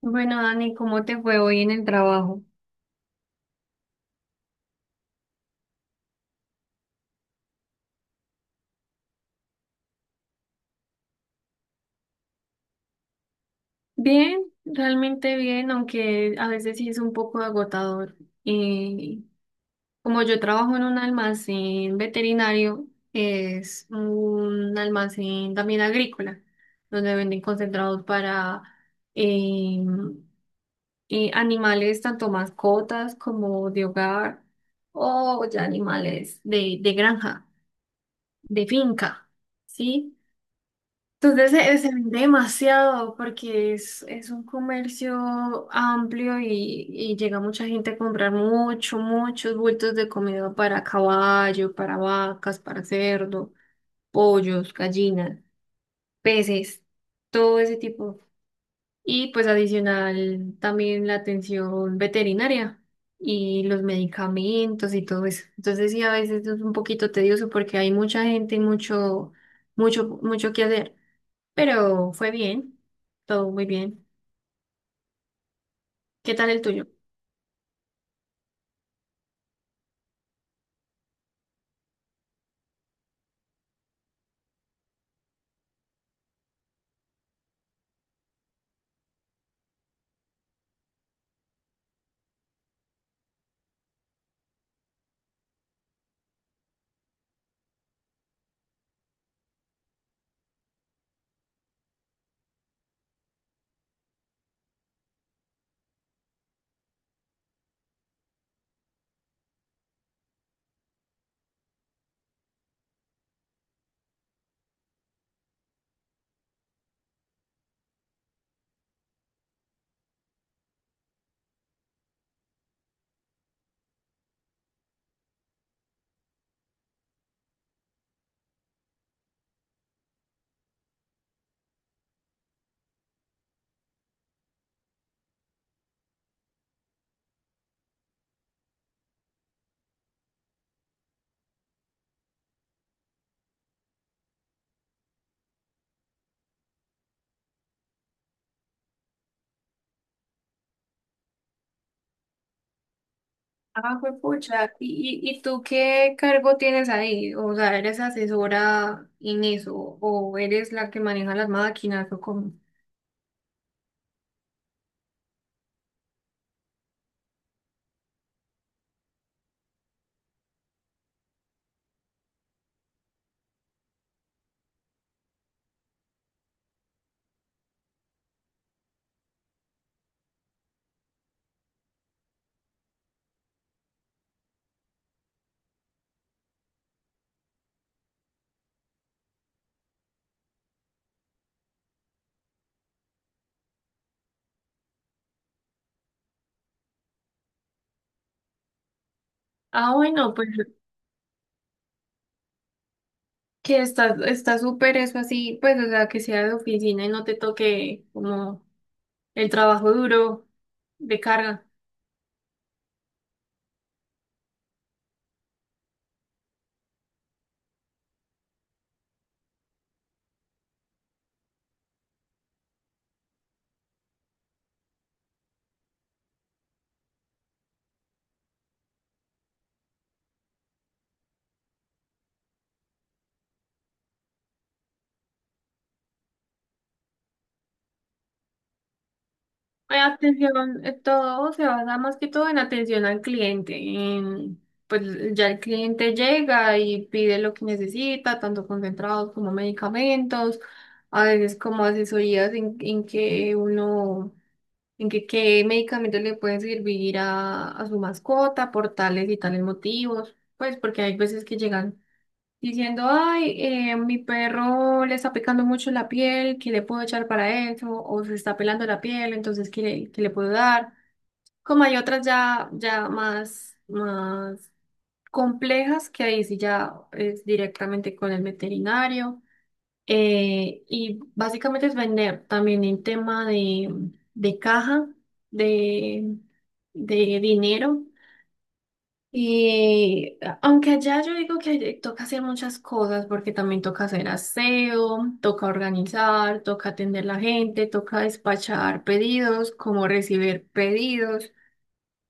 Bueno, Dani, ¿cómo te fue hoy en el trabajo? Bien, realmente bien, aunque a veces sí es un poco agotador. Eh, Como yo trabajo en un almacén veterinario, es un almacén también agrícola, donde venden concentrados para eh, animales, tanto mascotas como de hogar, o ya animales de granja, de finca, ¿sí? Entonces se vende demasiado porque es un comercio amplio y llega mucha gente a comprar mucho, muchos bultos de comida para caballo, para vacas, para cerdo, pollos, gallinas, peces, todo ese tipo. Y pues adicional también la atención veterinaria y los medicamentos y todo eso. Entonces sí, a veces es un poquito tedioso porque hay mucha gente y mucho, mucho que hacer, pero fue bien, todo muy bien. ¿Qué tal el tuyo? Ah, fue pucha. ¿Y tú qué cargo tienes ahí? O sea, ¿eres asesora en eso? ¿O eres la que maneja las máquinas? ¿O cómo? Ah, bueno, pues que está, está súper eso así, pues, o sea, que sea de oficina y no te toque como el trabajo duro de carga. Hay atención, todo se basa más que todo en atención al cliente, en, pues ya el cliente llega y pide lo que necesita, tanto concentrados como medicamentos, a veces como asesorías en que uno, en que qué medicamentos le pueden servir a su mascota por tales y tales motivos, pues porque hay veces que llegan diciendo, ay, mi perro le está picando mucho la piel, ¿qué le puedo echar para eso? O se está pelando la piel, entonces, ¿qué le puedo dar? Como hay otras ya más, más complejas, que ahí sí ya es directamente con el veterinario. Y básicamente es vender también en tema de caja, de, de dinero. Y aunque allá yo digo que allá toca hacer muchas cosas, porque también toca hacer aseo, toca organizar, toca atender la gente, toca despachar pedidos, como recibir pedidos,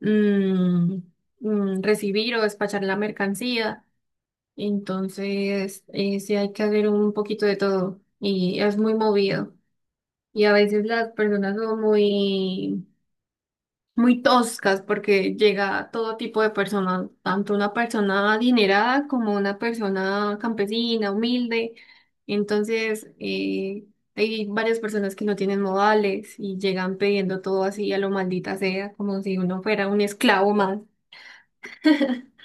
mm, recibir o despachar la mercancía. Entonces, sí hay que hacer un poquito de todo y es muy movido. Y a veces las personas son muy muy toscas porque llega todo tipo de personas, tanto una persona adinerada como una persona campesina, humilde. Entonces, hay varias personas que no tienen modales y llegan pidiendo todo así a lo maldita sea, como si uno fuera un esclavo más.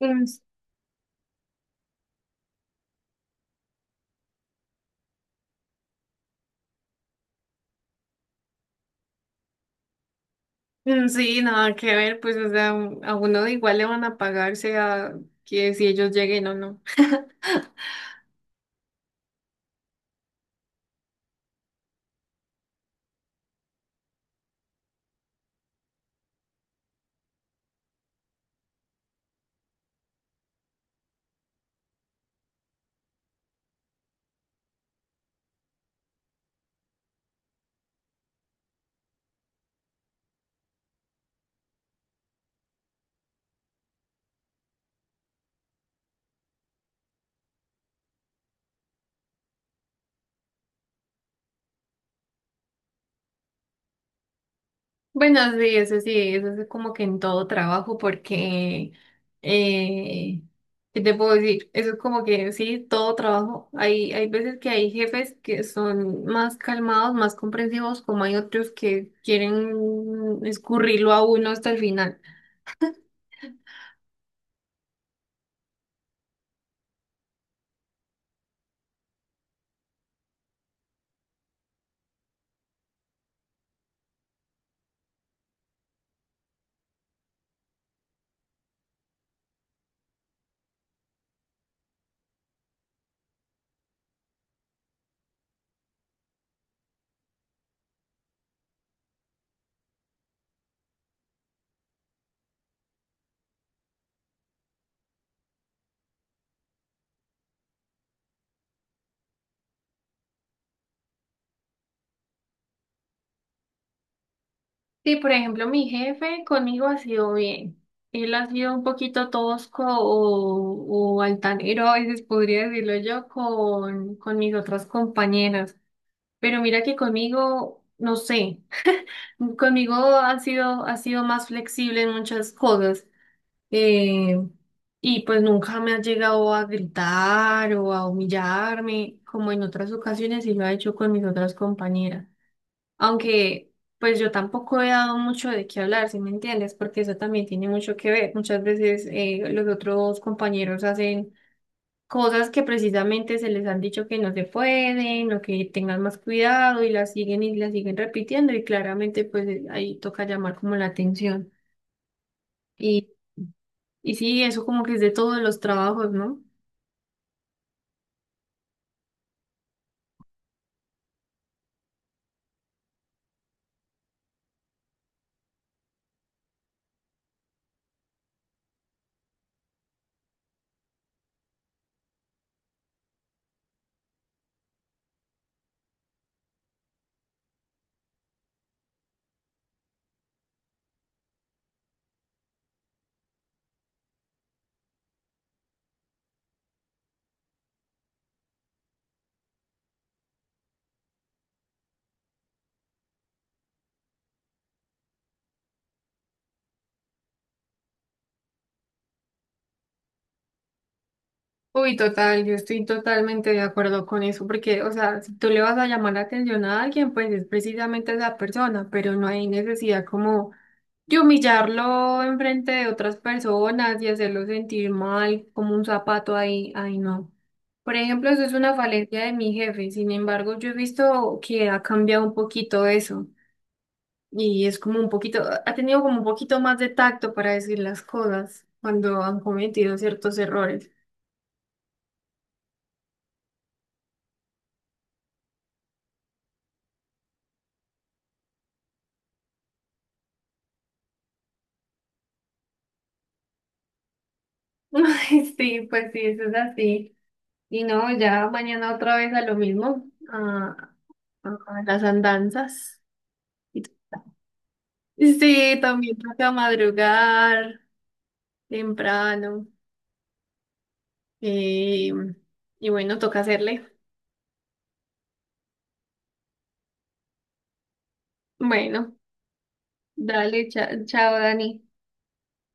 Mm, mm, sí, nada que ver, pues, o sea, a uno igual le van a pagar, sea que si ellos lleguen o no. Bueno, sí, eso es como que en todo trabajo, porque, eh, ¿qué te puedo decir? Eso es como que sí, todo trabajo. Hay veces que hay jefes que son más calmados, más comprensivos, como hay otros que quieren escurrirlo a uno hasta el final. Sí, por ejemplo, mi jefe conmigo ha sido bien. Él ha sido un poquito tosco o altanero, a veces podría decirlo yo, con mis otras compañeras. Pero mira que conmigo, no sé, conmigo ha sido más flexible en muchas cosas. eh, y pues nunca me ha llegado a gritar o a humillarme, como en otras ocasiones y lo ha hecho con mis otras compañeras. Aunque pues yo tampoco he dado mucho de qué hablar, ¿si me entiendes? Porque eso también tiene mucho que ver. Muchas veces los otros compañeros hacen cosas que precisamente se les han dicho que no se pueden o que tengan más cuidado y las siguen repitiendo y claramente pues, ahí toca llamar como la atención. Y, y sí, eso como que es de todos los trabajos, ¿no? Uy, total, yo estoy totalmente de acuerdo con eso, porque, o sea, si tú le vas a llamar la atención a alguien, pues es precisamente esa persona, pero no hay necesidad como y humillarlo enfrente de otras personas y hacerlo sentir mal como un zapato ahí, ahí no. Por ejemplo, eso es una falencia de mi jefe. Sin embargo, yo he visto que ha cambiado un poquito eso. Y es como un poquito, ha tenido como un poquito más de tacto para decir las cosas cuando han cometido ciertos errores. Ay, sí, pues sí, eso es así. Y no, ya mañana otra vez a lo mismo, a las andanzas. Sí, también toca madrugar temprano. eh, y bueno, toca hacerle. Bueno, dale, chao, Dani.